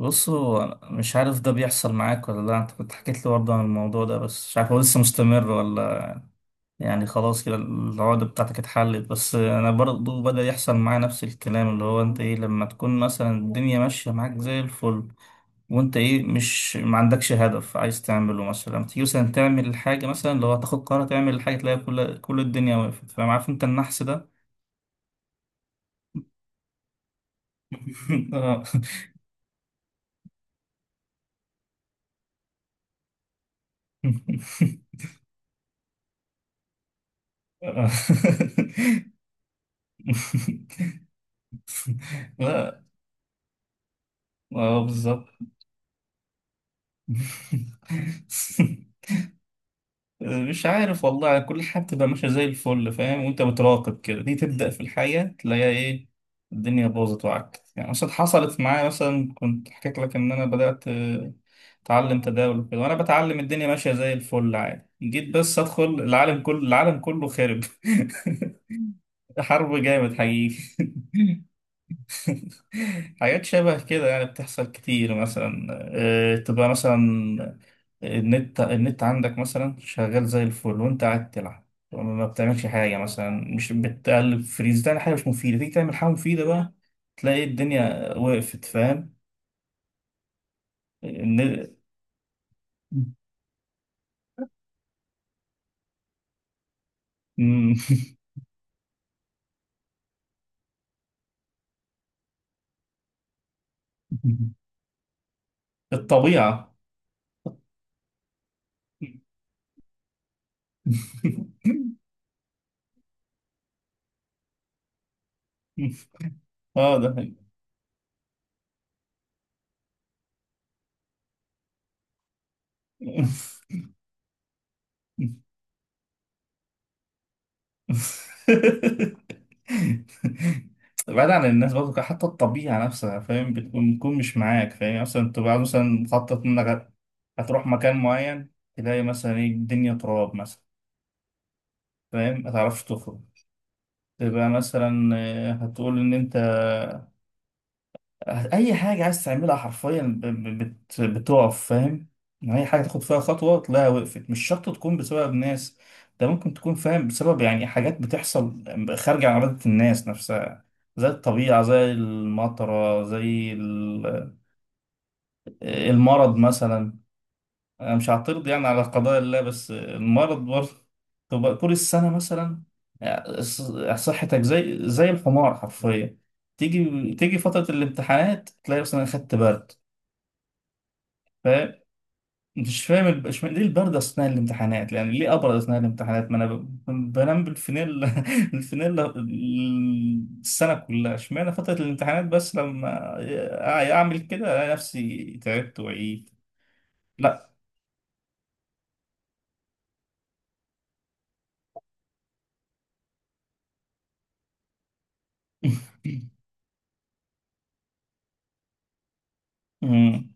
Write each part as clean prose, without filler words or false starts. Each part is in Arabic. بص هو مش عارف ده بيحصل معاك ولا لا انت كنت حكيت لي برضه عن الموضوع ده، بس مش عارف هو لسه مستمر ولا. يعني خلاص كده العقدة بتاعتك اتحلت، بس انا برضه بدأ يحصل معايا نفس الكلام، اللي هو انت ايه لما تكون مثلا الدنيا ماشية معاك زي الفل، وانت ايه مش ما عندكش هدف عايز تعمله، مثلا لما تيجي مثلا تعمل الحاجة، مثلا اللي هو تاخد قرار تعمل الحاجة، تلاقي كل الدنيا وقفت. فاهم عارف انت النحس ده؟ اه لا اه بالظبط. مش عارف والله، كل حاجة بتبقى ماشية زي الفل فاهم، وانت بتراقب كده دي تبدأ في الحياة تلاقيها ايه، الدنيا باظت وعكت. يعني مثلا حصلت معايا مثلا، كنت حكيت لك ان انا بدأت اتعلم تداول وكده، وانا بتعلم الدنيا ماشية زي الفل عادي، جيت بس ادخل العالم كله، العالم كله خرب. حرب جامد حقيقي. حاجات شبه كده يعني بتحصل كتير. مثلا تبقى مثلا النت عندك مثلا شغال زي الفل وانت قاعد تلعب، ما بتعملش حاجة مثلا، مش بتقلب فريز، ده حاجة مش مفيدة. تيجي تعمل حاجة مفيدة بقى تلاقي الدنيا وقفت. فاهم الن- مم. الطبيعة. اه ده حقيقي. بعيد عن الناس برضه، حتى الطبيعة نفسها فاهم، بتكون مش معاك. فاهم يعني مثلا تبقى عاوز، مثلا مخطط إنك هتروح مكان معين، تلاقي مثلا ايه الدنيا تراب مثلا، فاهم متعرفش تخرج. تبقى مثلا هتقول إن أنت اي حاجه عايز تعملها حرفيا بتقف. فاهم يعني اي حاجه تاخد فيها خطوه تلاقيها وقفت. مش شرط تكون بسبب ناس، ده ممكن تكون فاهم بسبب يعني حاجات بتحصل خارجه عن ارادة الناس نفسها، زي الطبيعه، زي المطره، المرض مثلا. انا مش هعترض يعني على قضاء الله، بس المرض برضه تبقى طول السنه مثلا صحتك زي الحمار حرفيا، تيجي فترة الامتحانات تلاقي مثلا خدت برد. فمش فاهم ليه البرد اثناء الامتحانات، يعني ليه ابرد اثناء الامتحانات؟ ما انا بنام بالفانيلا. الفانيلا السنه كلها، اشمعنى فتره الامتحانات بس لما اعمل كده الاقي نفسي تعبت وعيت. لا. أمم،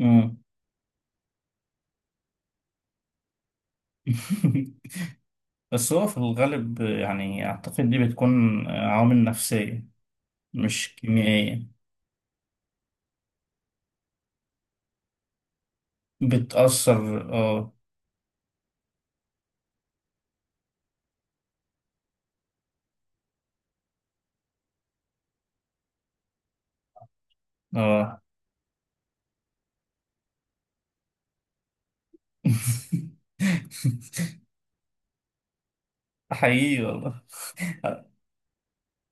أمم. بس هو في الغالب يعني اعتقد دي بتكون عوامل نفسيه مش كيميائيه، بتاثر اه. اه حقيقي والله.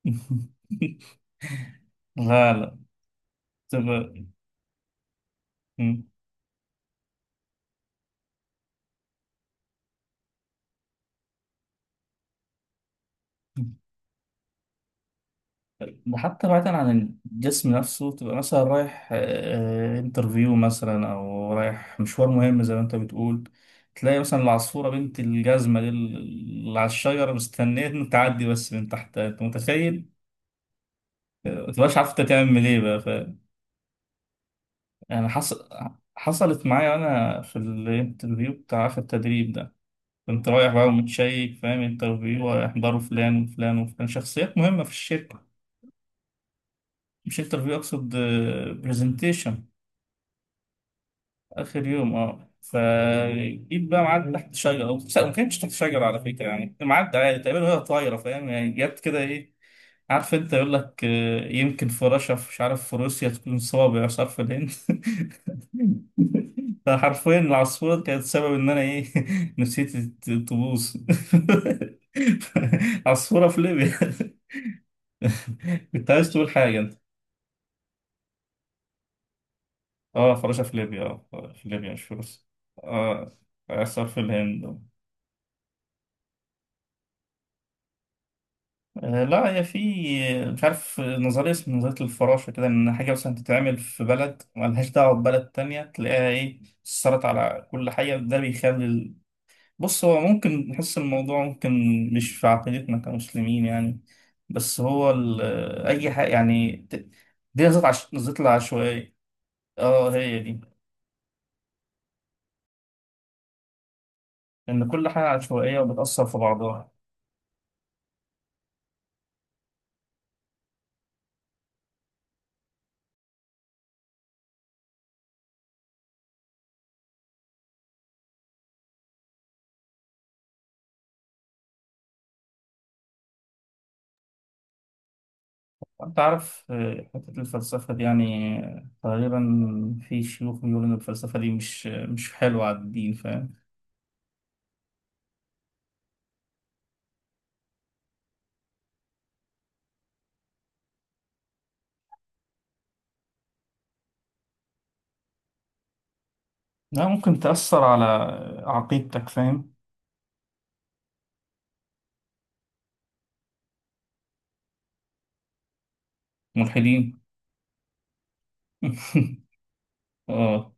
لا لا، تبقى مم. ده حتى بعيدا عن الجسم نفسه، تبقى مثلا رايح انترفيو مثلا او رايح مشوار مهم، زي ما انت بتقول تلاقي مثلا العصفورة بنت الجزمة دي اللي على الشجرة مستنية إن تعدي بس من تحتها، انت متخيل؟ ما تبقاش عارف انت تعمل ايه بقى. ف يعني حصلت معايا انا في الانترفيو، بتاع في التدريب ده كنت رايح بقى ومتشيك فاهم، انترفيو هيحضروا فلان وفلان وفلان، شخصيات مهمة في الشركة. مش انترفيو، اقصد برزنتيشن، اخر يوم اه. فجيت بقى معدي تحت شجره، او لا، ما كانتش تحت شجره على فكره، يعني معدي عادي تقريبا وهي طايره فاهم، يعني جت كده ايه، عارف انت يقول لك يمكن في رشا مش عارف، في روسيا تكون صوابع مش عارف الهند. فحرفيا العصفورة كانت سبب ان انا ايه، نسيت تبوظ. عصفورة في ليبيا. كنت عايز تقول حاجة؟ اه فراشة في ليبيا، في ليبيا مش في روسيا. اه آثار في الهند. آه لا، هي في مش عارف نظرية اسمها نظرية الفراشة كده، إن حاجة مثلا تتعمل في بلد ملهاش دعوة ببلد تانية تلاقيها إيه أثرت على كل حاجة، ده بيخلي ال... بص هو ممكن نحس الموضوع، ممكن مش في عقيدتنا كمسلمين يعني، بس هو ال... أي حاجة يعني دي نظرية نظرية العشوائية. اه هي دي، إن كل حاجة عشوائية وبتأثر في بعضها. وأنت عارف حتة الفلسفة دي يعني تقريبا في شيوخ بيقولوا إن الفلسفة دي مش مش حلوة على الدين. فاهم؟ لا ممكن تأثر على عقيدتك فاهم. ملحدين. اه.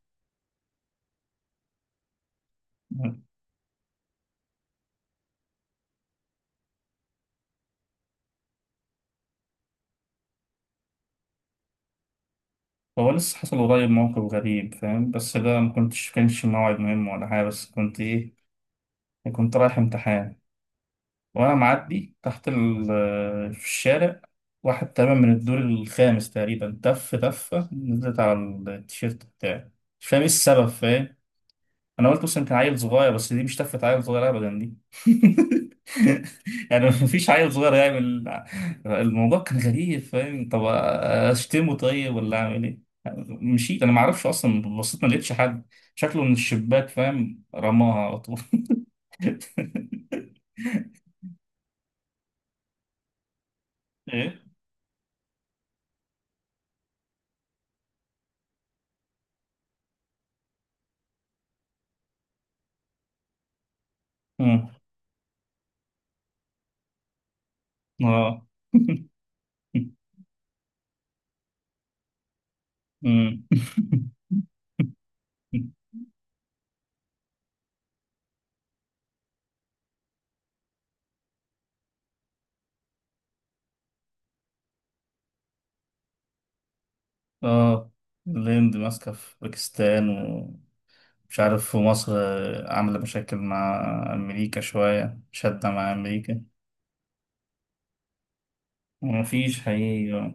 هو لسه حصل قريب موقف غريب فاهم، بس ده ما كنتش كانش موعد مهم ولا حاجة، بس كنت إيه، كنت رايح امتحان وانا معدي تحت في الشارع. واحد تقريبا من الدور الخامس تقريبا، تفة نزلت على التيشيرت بتاعي. مش فاهم ايه السبب. فاهم انا قلت بس يمكن عيل صغير، بس دي مش تفة عيل صغير ابدا دي. يعني مفيش عيل صغير يعمل. الموضوع كان غريب فاهم، طب اشتمه طيب ولا اعمل ايه؟ مشيت. انا ما اعرفش اصلا، بصيت ما لقيتش حد، شكله من الشباك فاهم، رماها على طول. ايه مم. اه مم. اه الهند ماسكة في باكستان ومش عارف، ومصر عاملة مشاكل مع أمريكا، شوية شادة مع أمريكا، ومفيش حقيقي اه.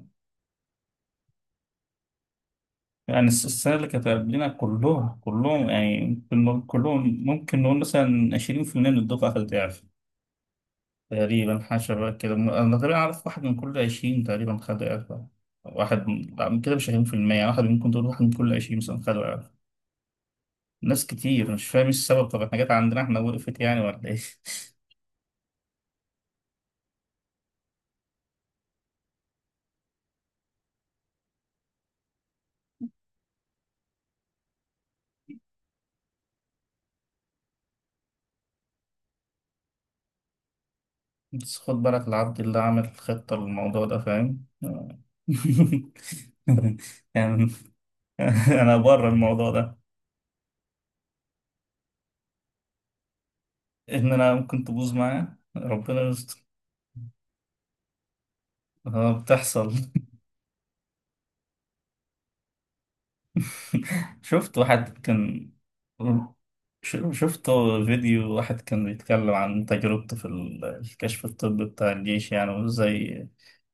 يعني السنة اللي كانت قبلنا كلهم، كلهم، ممكن نقول مثلا 20% من الدفعة خدت إعفاء، تقريبا حاجة شبه كده. أنا تقريبا أعرف واحد من كل 20 تقريبا خد إعفاء، واحد لا، من كده مش 20%، واحد ممكن تقول واحد من كل عشرين مثلا خد. ناس كتير مش فاهم ايه السبب، طب احنا جت عندنا احنا وقفت يعني ولا ايه؟ بس خد بالك العبد اللي عامل خطة للموضوع ده فاهم. يعني انا بره الموضوع ده، ان انا ممكن تبوظ معاه ربنا يستر. اه بتحصل. شفت واحد كان، شفت فيديو واحد كان بيتكلم عن تجربته في الكشف الطبي بتاع الجيش، يعني وازاي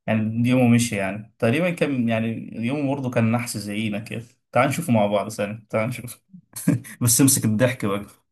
يعني يومه مشي، يعني تقريبا كان يعني يومه برضه كان نحس زينا كده. تعال نشوفه مع بعض ثاني، تعال نشوف. بس امسك الضحك بقى.